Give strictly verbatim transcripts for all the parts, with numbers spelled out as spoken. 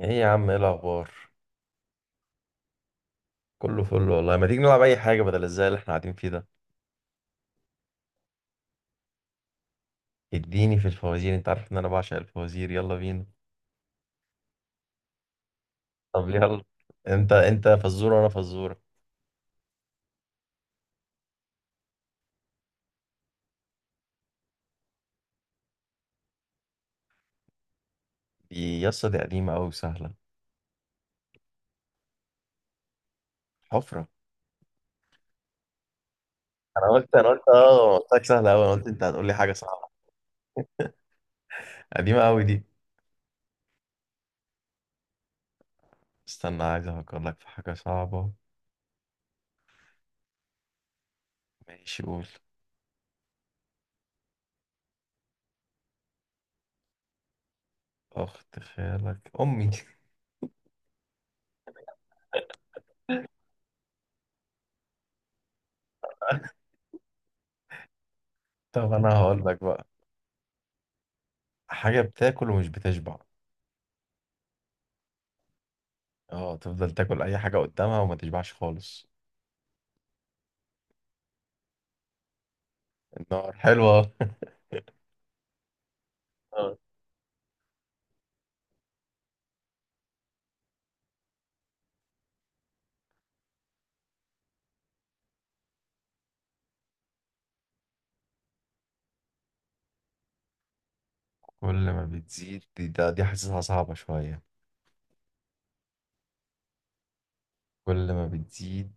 ايه يا عم، ايه الاخبار؟ كله فل والله. ما تيجي نلعب اي حاجه بدل الزي اللي احنا قاعدين فيه ده؟ اديني في الفوازير، انت عارف ان انا بعشق الفوازير، يلا بينا. طب يلا. انت انت فزوره وانا فزوره. دي يسطا دي قديمه قوي، سهله. حفره. انا قلت انا قلت اه. أنا قلت لك سهله قوي، انا قلت انت هتقول لي حاجه صعبه. قديمه قوي دي. استنى، عايز افكر لك في حاجه صعبه. ماشي، قول. اخت خالك امي. طب انا هقول لك بقى. حاجه بتاكل ومش بتشبع. اه، تفضل تاكل اي حاجه قدامها وما تشبعش خالص. النار حلوة. اه. كل ما بتزيد دي ده دي حاسسها صعبة شوية. كل ما بتزيد.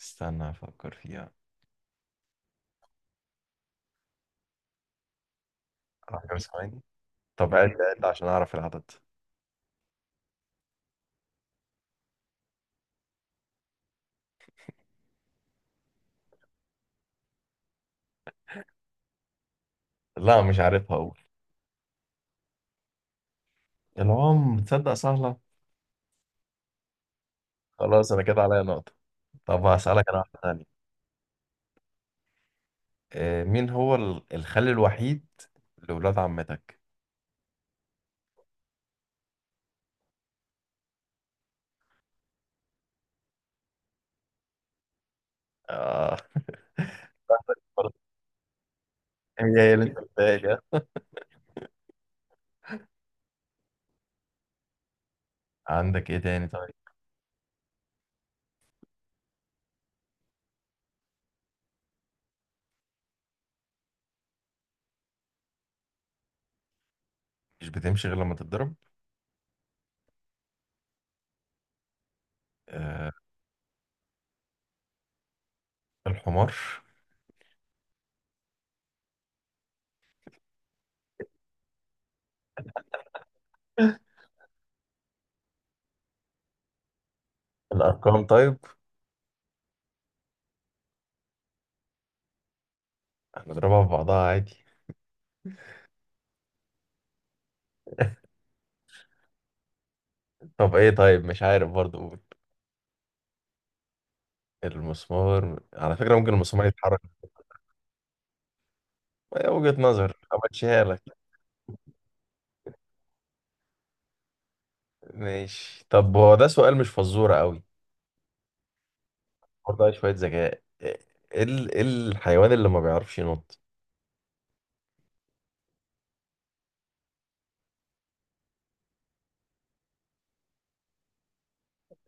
استنى أفكر فيها عشر ثواني. طب عد عد عشان أعرف العدد. لا مش عارفها أقول. العمر، تصدق سهلة. خلاص أنا كده عليا نقطة. طب هسألك أنا واحدة تانية. آه، مين هو ال- الخال الوحيد لولاد عمتك؟ آه. برضه. هي هي اللي أنت قلتها لي، ها؟ عندك إيه تاني طيب؟ مش بتمشي غير لما تتضرب. آه، الحمار. الأرقام طيب. نضربها في بعضها عادي. طب ايه طيب، مش عارف برضه، قول. المسمار، على فكرة ممكن المسمار يتحرك. هي وجهة نظر همشيها لك. ماشي، طب هو ده سؤال مش فزورة قوي. برضه عليه شوية ذكاء ايه. إيه ال... إيه الحيوان اللي ما بيعرفش ينط؟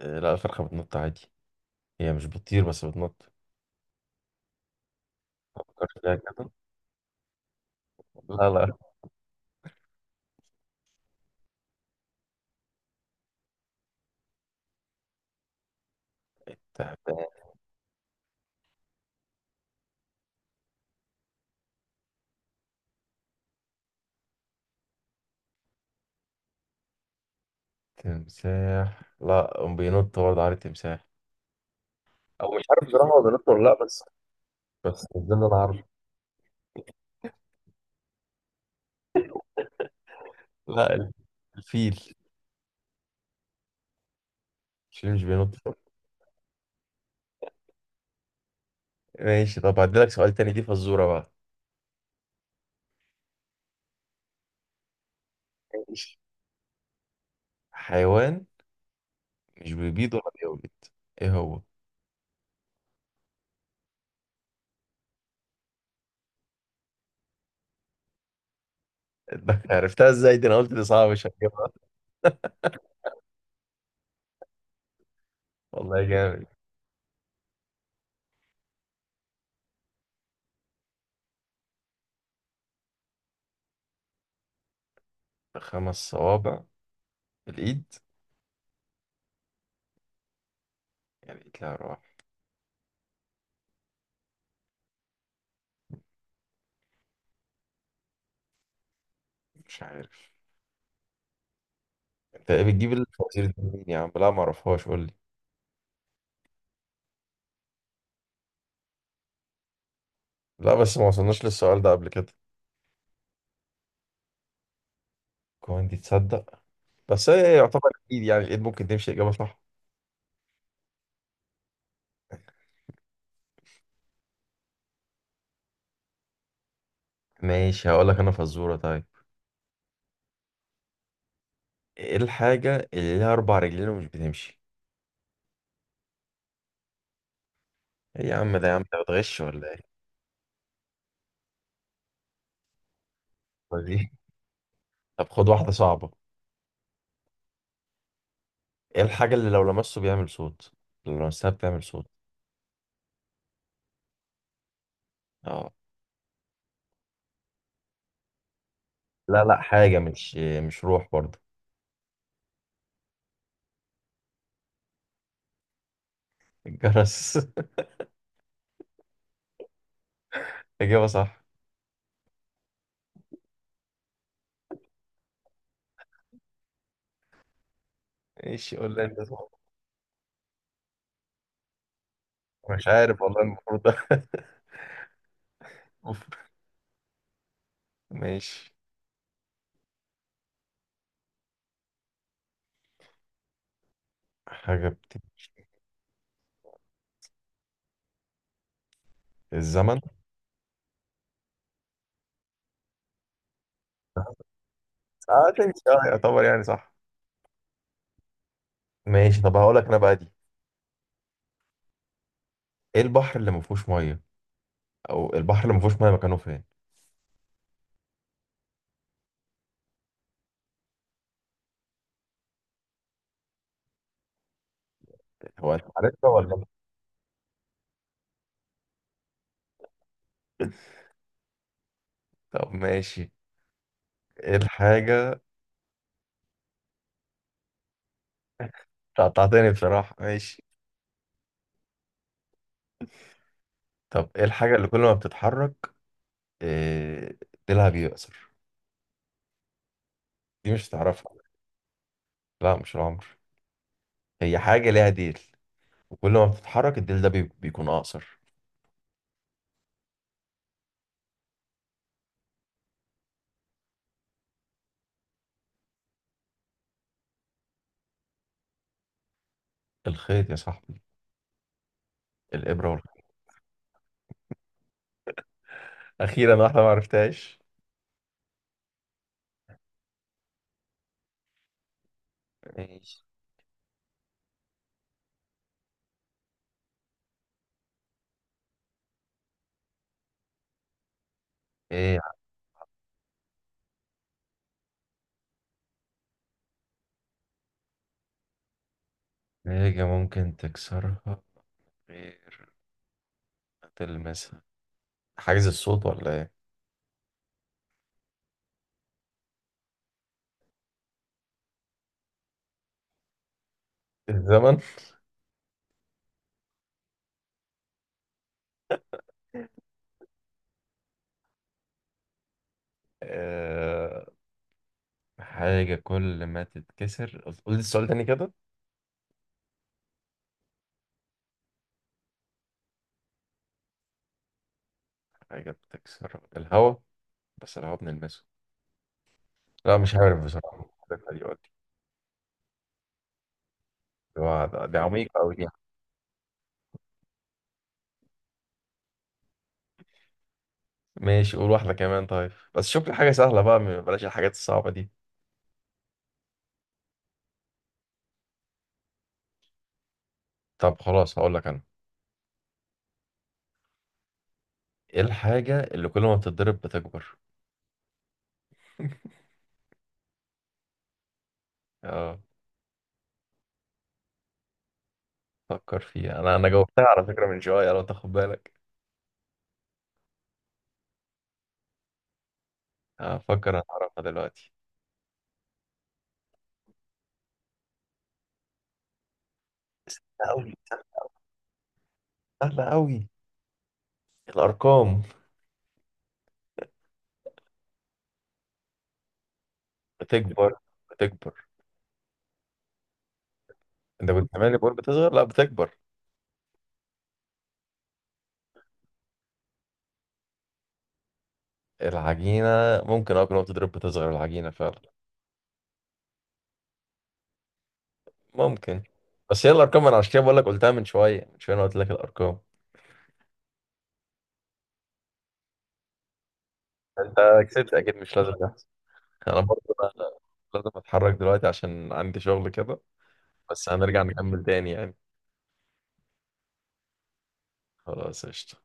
إيه، لا الفرخة بتنط عادي. هي مش بتطير بس بتنط. ما فكرتش فيها كده. لا، لا. تمساح. تمساح. لا، بينط برضه على التمساح. او مش عارف بصراحة، هو بينط ولا لا، بس. بس ده اللي انا عارفه. لا، الفيل. الفيل مش بينط. ماشي طب هديلك سؤال تاني، دي فزورة بقى. ماشي. حيوان مش بيبيض ولا بيولد. ايه هو؟ ده عرفتها ازاي دي، انا قلت دي صعبة مش هتجيبها. والله جامد. خمس صوابع. في الايد. يعني ايد لها روح. مش عارف. انت ايه بتجيب الفوازير دي منين يا عم؟ لا ما اعرفهاش، قول لي. لا بس، ما وصلناش للسؤال ده قبل كده. كمان دي تصدق. بس هي يعتبر اكيد يعني، الايد ممكن تمشي اجابة صح. ماشي، هقول لك انا فزورة طيب. ايه الحاجة اللي ليها اربع رجلين ومش بتمشي؟ ايه يا عم، ده يا عم انت بتغش ولا ايه؟ طب خد واحدة صعبة. ايه الحاجة اللي لو لمسته بيعمل صوت؟ لو لمستها بتعمل صوت. اه. لا، لا، حاجة مش مش روح برضه. الجرس. إجابة صح. ماشي، قول لي انت صح. مش عارف والله المفروض. أوف. ماشي. حاجة بتمشي. الزمن. اه تمشي، اه يعتبر يعني صح. ماشي طب هقول لك انا بقى دي. ايه البحر اللي ما فيهوش ميه؟ او البحر اللي ما فيهوش ميه، مكانه فين؟ هو انت عارفها ولا؟ طب ماشي. ايه الحاجة. قطعتني بصراحة، ماشي. طب ايه الحاجة اللي كل ما بتتحرك آه، ديلها بيقصر؟ دي مش هتعرفها. لا، مش العمر. هي حاجة ليها ديل. وكل ما بتتحرك الديل ده بي- بيكون أقصر. الخيط يا صاحبي. الإبرة والخيط. أخيرا، واحدة ما عرفتهاش. ماشي. إيه. حاجة ممكن تكسرها غير ما تلمسها؟ حاجز الصوت ولا إيه؟ الزمن. آه، حاجة كل ما تتكسر. قول لي السؤال تاني كده. حاجة بتكسر الهوا. بس الهوا بنلمسه. لا، مش عارف بصراحة. الفكرة دي قولي. دي دي عميقة أوي. ماشي قول واحدة كمان طيب، بس شوف لي حاجة سهلة بقى، م- بلاش الحاجات الصعبة دي. طب خلاص هقول لك انا. ايه الحاجة اللي كل ما بتتضرب بتكبر؟ اه. فكر فيها، انا انا جاوبتها على فكرة من شوية لو تاخد بالك. هفكر انا هعرفها دلوقتي. سهلة أوي. سهلة أوي. الأرقام. بتكبر. بتكبر. أنت كنت عمال بقول بتصغر، لا بتكبر. العجينة. ممكن أه، كل ما بتضرب بتصغر العجينة فعلا. ممكن. بس هي الأرقام، أنا عشان كده بقول لك، قلتها من شوية، من شوية أنا قلت لك الأرقام. أنت كسبت أكيد، مش لازم. انا برضه أنا لازم اتحرك دلوقتي، عشان عندي شغل كده. بس هنرجع نكمل تاني يعني. خلاص قشطة.